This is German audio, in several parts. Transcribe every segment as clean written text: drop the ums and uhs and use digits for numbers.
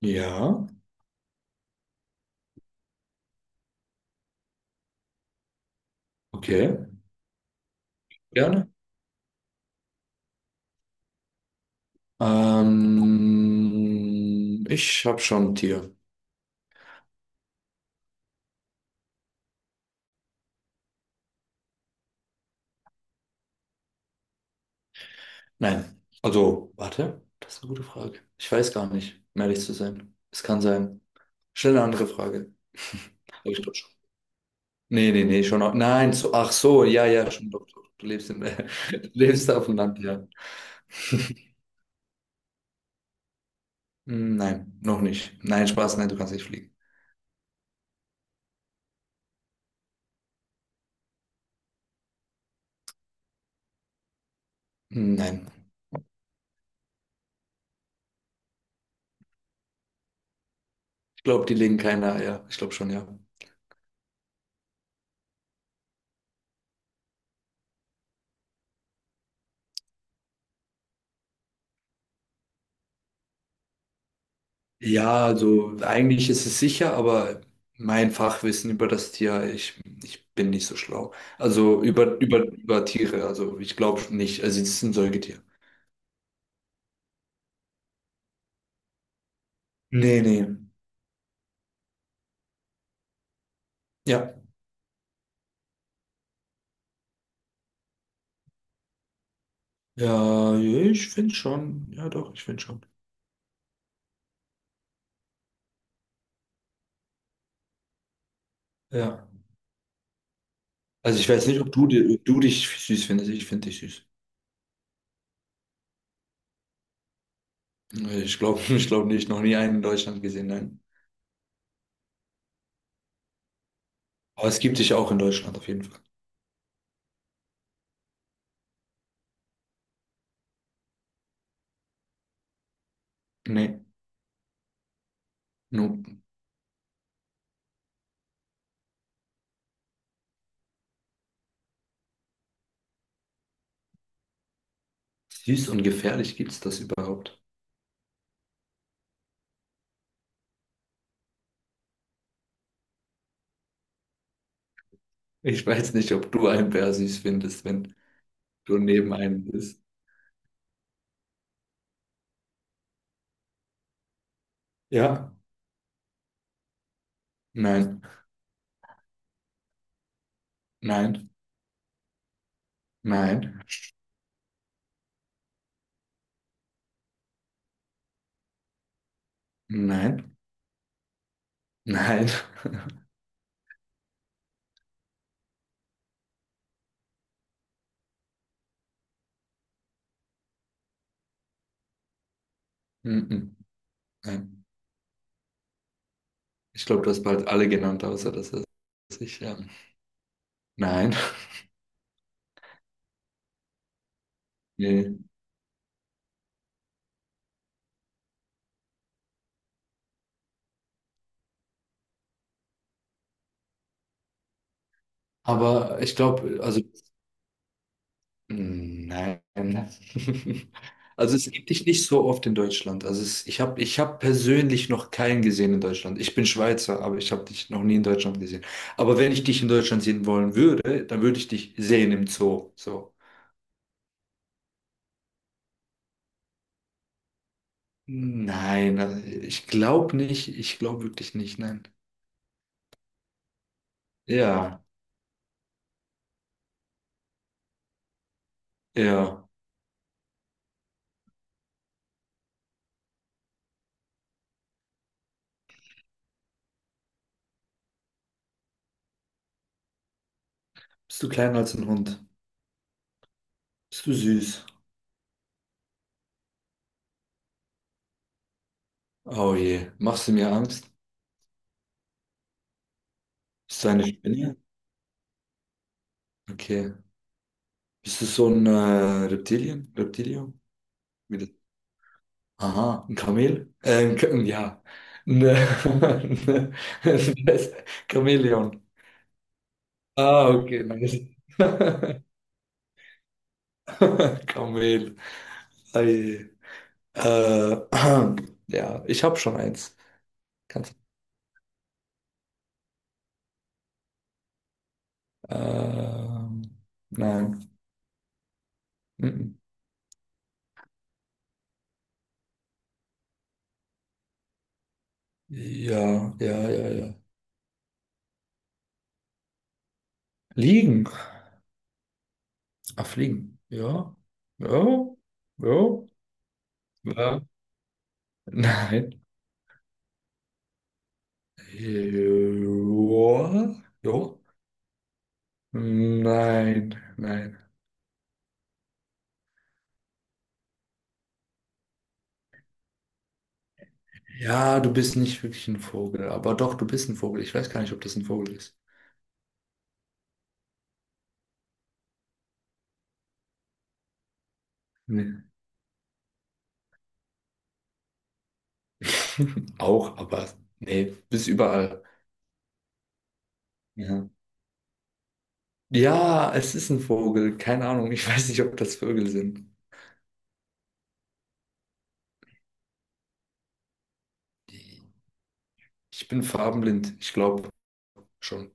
Ja, okay, gerne. Ich habe schon ein Tier. Nein, also, warte, das ist eine gute Frage. Ich weiß gar nicht, um ehrlich zu sein. Es kann sein. Schnell eine andere Frage. Aber ich glaube schon. Nee, nee, nee, schon. Nein, so, ach so, ja, ja, schon doch. Doch. Du lebst auf dem Land, ja. Hm, nein, noch nicht. Nein, Spaß, nein, du kannst nicht fliegen. Hm, nein. Ich glaube, die legen keine Eier. Ich glaube schon, ja. Ja, also eigentlich ist es sicher, aber mein Fachwissen über das Tier, ich bin nicht so schlau. Also über Tiere, also ich glaube nicht. Also es ist ein Säugetier. Nee, nee. Ja. Ja, ich finde schon. Ja, doch, ich finde schon. Ja. Also ich weiß nicht, ob du dich süß findest. Ich finde dich süß. Ich glaube nicht. Noch nie einen in Deutschland gesehen, nein. Aber es gibt dich auch in Deutschland auf jeden Fall. Nee. Nur süß und gefährlich, gibt es das überhaupt? Ich weiß nicht, ob du einen Bär süß findest, wenn du neben einem bist. Ja, nein, nein, nein, nein, nein, mhm, nein. Ich glaube, du hast bald alle genannt, außer das ist sich, ja. Nein, nee. Aber ich glaube, also nein. Also es gibt dich nicht so oft in Deutschland. Also es, ich hab persönlich noch keinen gesehen in Deutschland. Ich bin Schweizer, aber ich habe dich noch nie in Deutschland gesehen. Aber wenn ich dich in Deutschland sehen wollen würde, dann würde ich dich sehen im Zoo. So. Nein, also ich glaube nicht. Ich glaube wirklich nicht. Nein. Ja, ja. Bist du kleiner als ein Hund? Bist du süß? Oh je. Machst du mir Angst? Bist du eine Spinne? Okay. Bist du so ein Reptilien? Reptilio? Aha, ein Kamel? Ja, ne Chamäleon. Ah, okay, nice. Kamel. Ei. Äh, ja, ich habe schon eins. Kannst, ähm, nein. Mhm. Ja, ja, ja, ja. Liegen. Ah, fliegen. Ja. Ja. Ja. Ja. Nein. Ja. Ja. Nein, nein. Ja, du bist nicht wirklich ein Vogel, aber doch, du bist ein Vogel. Ich weiß gar nicht, ob das ein Vogel ist. Nee. Auch, aber nee, bist überall. Ja. Ja, es ist ein Vogel. Keine Ahnung. Ich weiß nicht, ob das Vögel sind. Ich bin farbenblind. Ich glaube schon.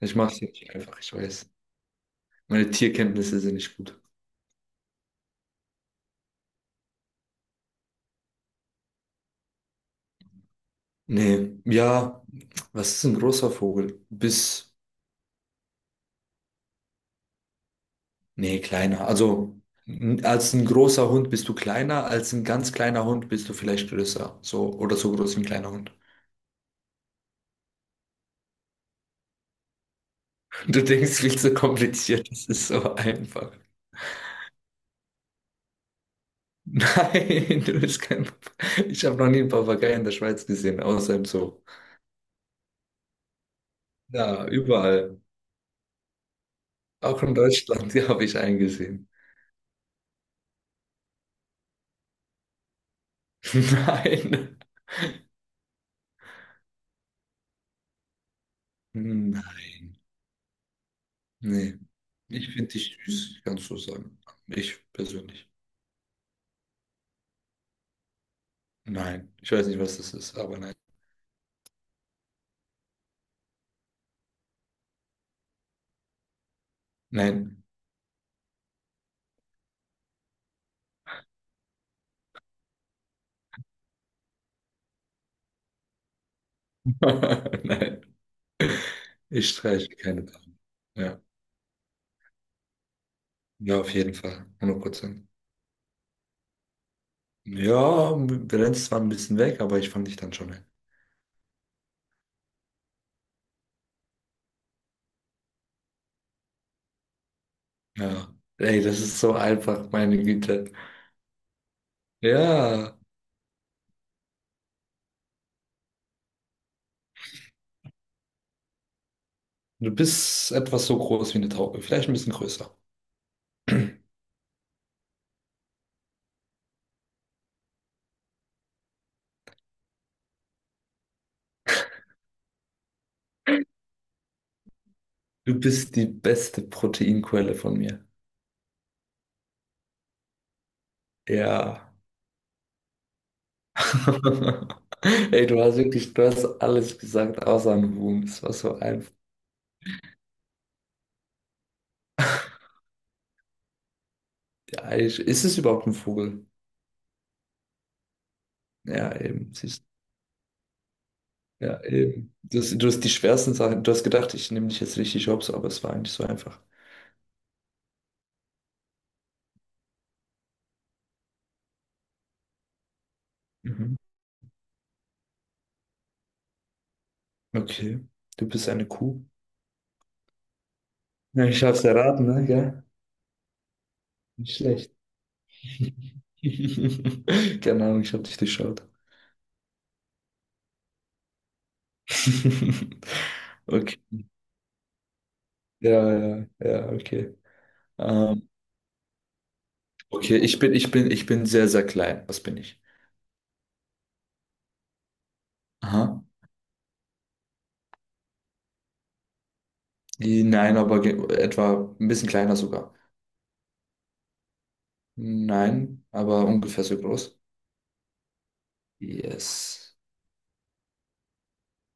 Ich mache es nicht einfach. Ich weiß. Meine Tierkenntnisse sind nicht gut. Nee, ja, was ist ein großer Vogel? Bis Nee, kleiner. Also als ein großer Hund bist du kleiner, als ein ganz kleiner Hund bist du vielleicht größer. So oder so groß wie ein kleiner Hund. Du denkst viel zu kompliziert, das ist so einfach. Nein, du bist kein. Ich habe noch nie einen Papagei in der Schweiz gesehen, außer im Zoo. Ja, überall. Auch in Deutschland, die habe ich eingesehen. Nein. Nein. Nee. Ich finde dich süß, kannst du sagen. Ich persönlich. Nein. Ich weiß nicht, was das ist, aber nein. Nein. Nein, ich streiche keine Dame. Ja, ja, auf jeden Fall. 100%. Ja, wir rennen zwar ein bisschen weg, aber ich fand dich dann schon. Ein. Ja. Ey, das ist so einfach, meine Güte. Ja, du bist etwas so groß wie eine Taube, vielleicht ein bisschen größer. Du bist die beste Proteinquelle von mir. Ja. Ey, du hast alles gesagt, außer ein Huhn. Es war so einfach. Ja, ist es überhaupt ein Vogel? Ja, eben. Ja, eben. Du hast die schwersten Sachen. Du hast gedacht, ich nehme dich jetzt richtig hops, aber es war eigentlich so einfach. Mhm. Okay. Du bist eine Kuh. Ja, ich hab's erraten, ne? Ja. Nicht schlecht. Keine Ahnung, ich habe dich durchschaut. Okay. Ja, ja, ja, okay. Ähm, okay, ich bin sehr, sehr klein. Was bin ich? Aha. Nein, aber etwa ein bisschen kleiner sogar. Nein, aber ungefähr so groß. Yes.